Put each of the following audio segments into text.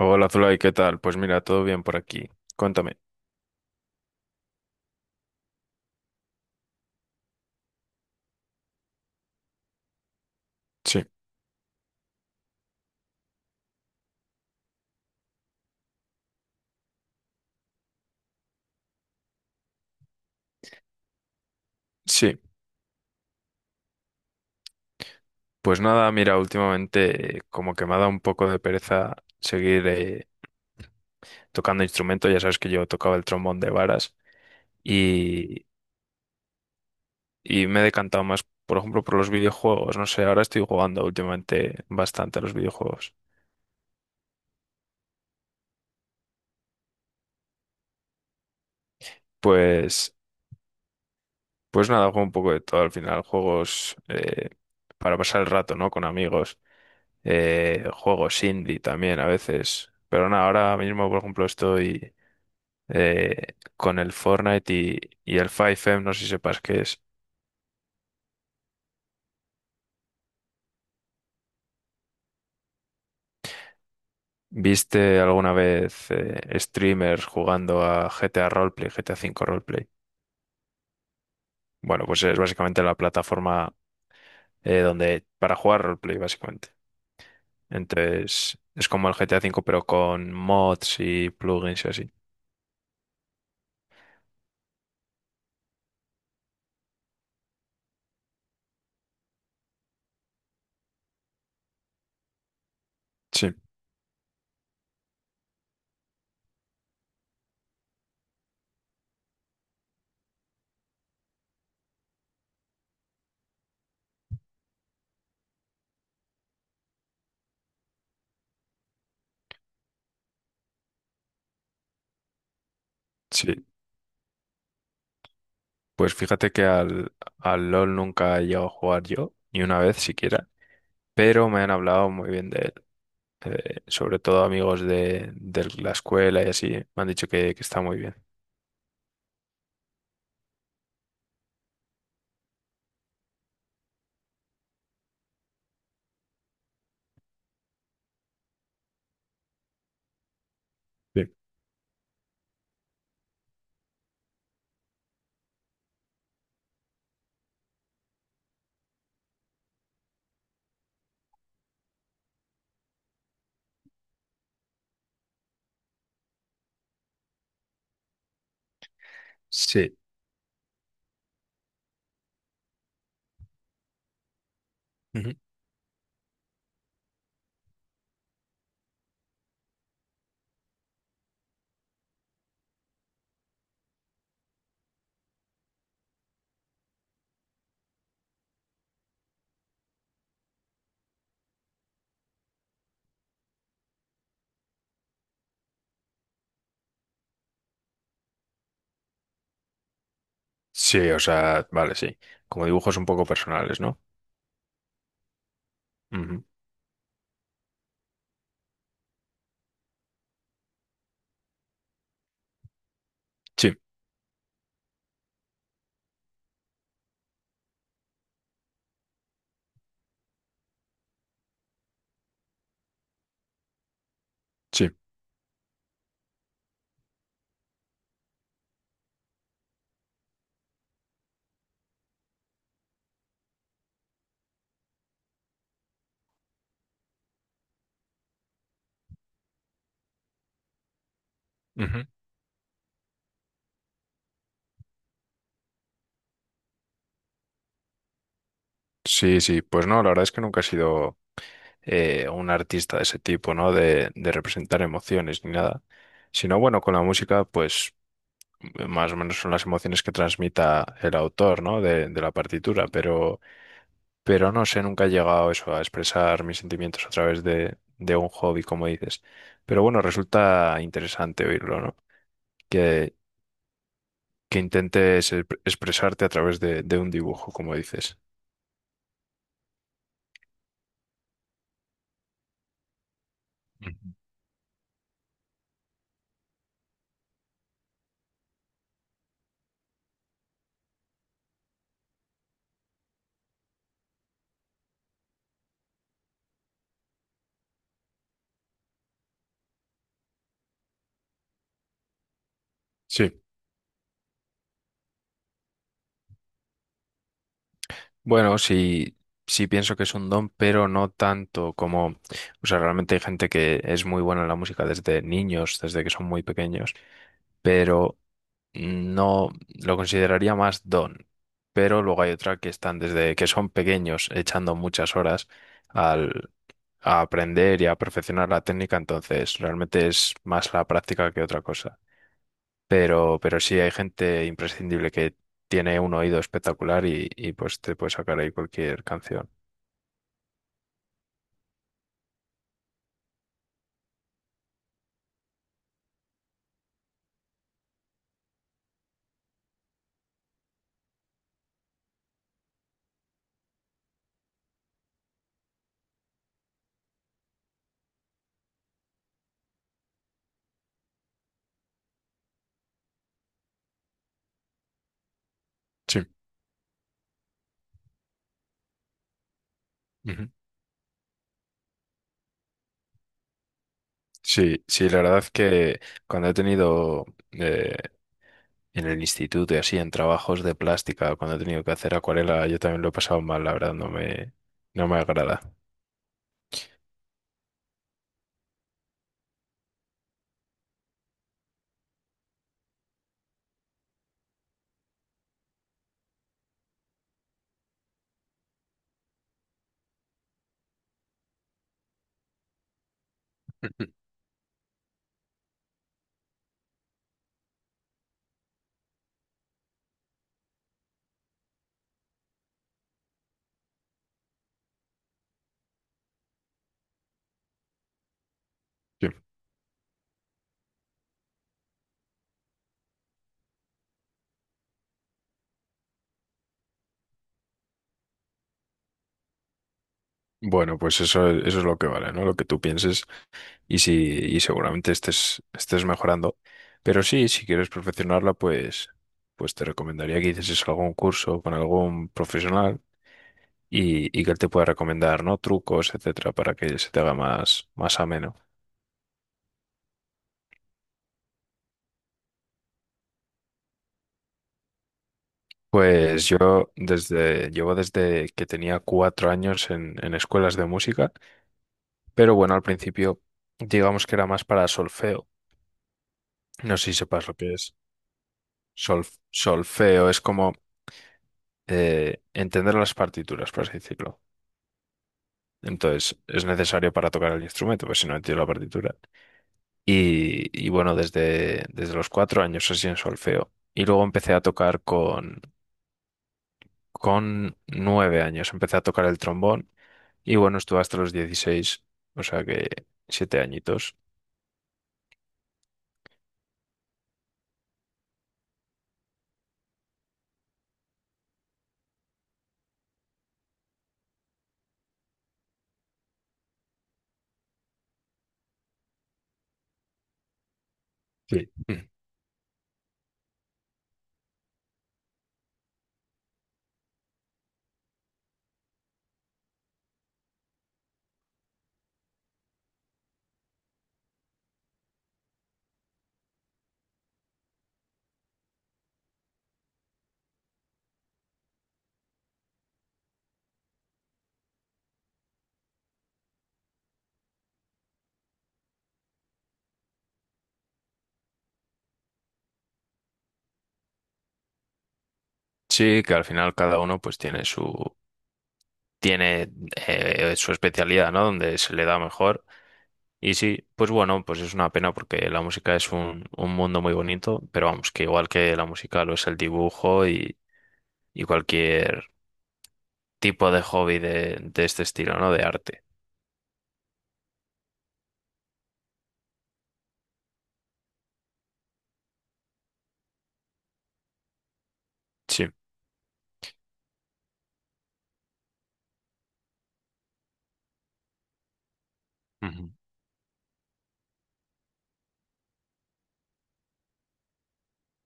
Hola Zulay, ¿qué tal? Pues mira, todo bien por aquí. Cuéntame. Sí, sí. Pues nada, mira, últimamente como que me ha dado un poco de pereza seguir tocando instrumentos. Ya sabes que yo tocaba el trombón de varas y, y me he decantado más, por ejemplo, por los videojuegos. No sé, ahora estoy jugando últimamente bastante a los videojuegos. Pues, pues nada, juego un poco de todo al final. Juegos para pasar el rato, ¿no? Con amigos. Juegos indie también a veces. Pero nada, ahora mismo, por ejemplo, estoy con el Fortnite y el 5M, no sé si sepas qué es. ¿Viste alguna vez streamers jugando a GTA Roleplay, GTA V Roleplay? Bueno, pues es básicamente la plataforma donde para jugar roleplay, básicamente. Entonces, es como el GTA V, pero con mods y plugins y así. Sí, sí. Pues fíjate que al LOL nunca he llegado a jugar yo, ni una vez siquiera. Pero me han hablado muy bien de él, sobre todo amigos de la escuela y así, me han dicho que está muy bien. Sí. Sí. Ujú. Sí, o sea, vale, sí. Como dibujos un poco personales, ¿no? Ujú. Sí, sí. Ujú. Sí, sí. Pues no, la verdad es que nunca he sido un artista de ese tipo, ¿no? De representar emociones ni nada. Sino, bueno, con la música, pues más o menos son las emociones que transmita el autor, ¿no? De la partitura, pero... Pero no sé, nunca he llegado a eso, a expresar mis sentimientos a través de un hobby, como dices. Pero bueno, resulta interesante oírlo, ¿no? Que, que intentes expresarte a través de un dibujo, como dices. Ujú. Sí. Bueno, sí, sí pienso que es un don, pero no tanto como... O sea, realmente hay gente que es muy buena en la música desde niños, desde que son muy pequeños, pero... No lo consideraría más don, pero luego hay otra que están desde que son pequeños echando muchas horas al, a aprender y a perfeccionar la técnica, entonces realmente es más la práctica que otra cosa. Pero sí hay gente imprescindible que tiene un oído espectacular y pues te puede sacar ahí cualquier canción. Sí, ujú. Sí, sí, la verdad es que cuando he tenido eh, En el instituto y así, en trabajos de plástica, cuando he tenido que hacer acuarela, yo también lo he pasado mal, la verdad, no me agrada. Sí. Bueno, pues eso es lo que vale, ¿no? Lo que tú pienses y si, y seguramente estés mejorando. Pero sí, si quieres perfeccionarla, pues te recomendaría que hicieses algún curso con algún profesional y que él te pueda recomendar, ¿no? Trucos, etcétera, para que se te haga más ameno. Pues yo llevo desde que tenía 4 años en escuelas de música, pero bueno, al principio digamos que era más para solfeo. No sé si sepas lo que es. Solfeo es como entender las partituras, por así decirlo. Entonces es necesario para tocar el instrumento, pues si no entiendo la partitura. Y bueno, desde los 4 años así en solfeo. Y luego empecé a tocar con 9 años, empecé a tocar el trombón. Y bueno, estuve hasta los 16, o sea que 7 añitos. Sí. Mm. Sí, que al final cada uno pues tiene su especialidad, ¿no? Donde se le da mejor. Y sí, pues bueno, pues es una pena porque la música es un mundo muy bonito, pero vamos, que igual que la música lo es el dibujo y cualquier tipo de hobby de este estilo, ¿no? De arte. Sí. Ujú.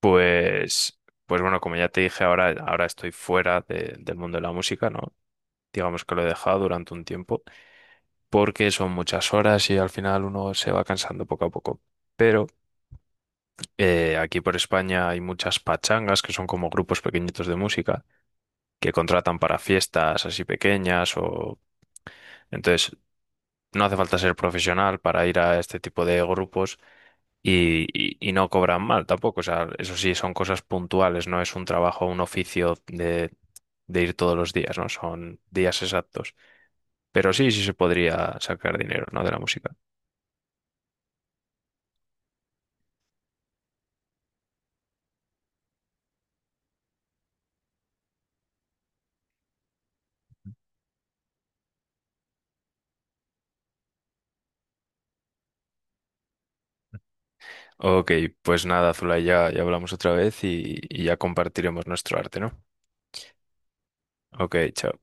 Pues, pues bueno, como ya te dije, ahora estoy fuera del mundo de la música, ¿no? Digamos que lo he dejado durante un tiempo, porque son muchas horas y al final uno se va cansando poco a poco. Pero aquí por España hay muchas pachangas, que son como grupos pequeñitos de música, que contratan para fiestas así pequeñas o... Entonces, no hace falta ser profesional para ir a este tipo de grupos y no cobran mal tampoco. O sea, eso sí, son cosas puntuales, no es un trabajo, un oficio de ir todos los días, ¿no? Son días exactos. Pero sí, sí se podría sacar dinero, ¿no? De la música. Ok, pues nada, Zulay, ya hablamos otra vez y ya compartiremos nuestro arte, ¿no? Ok, chao.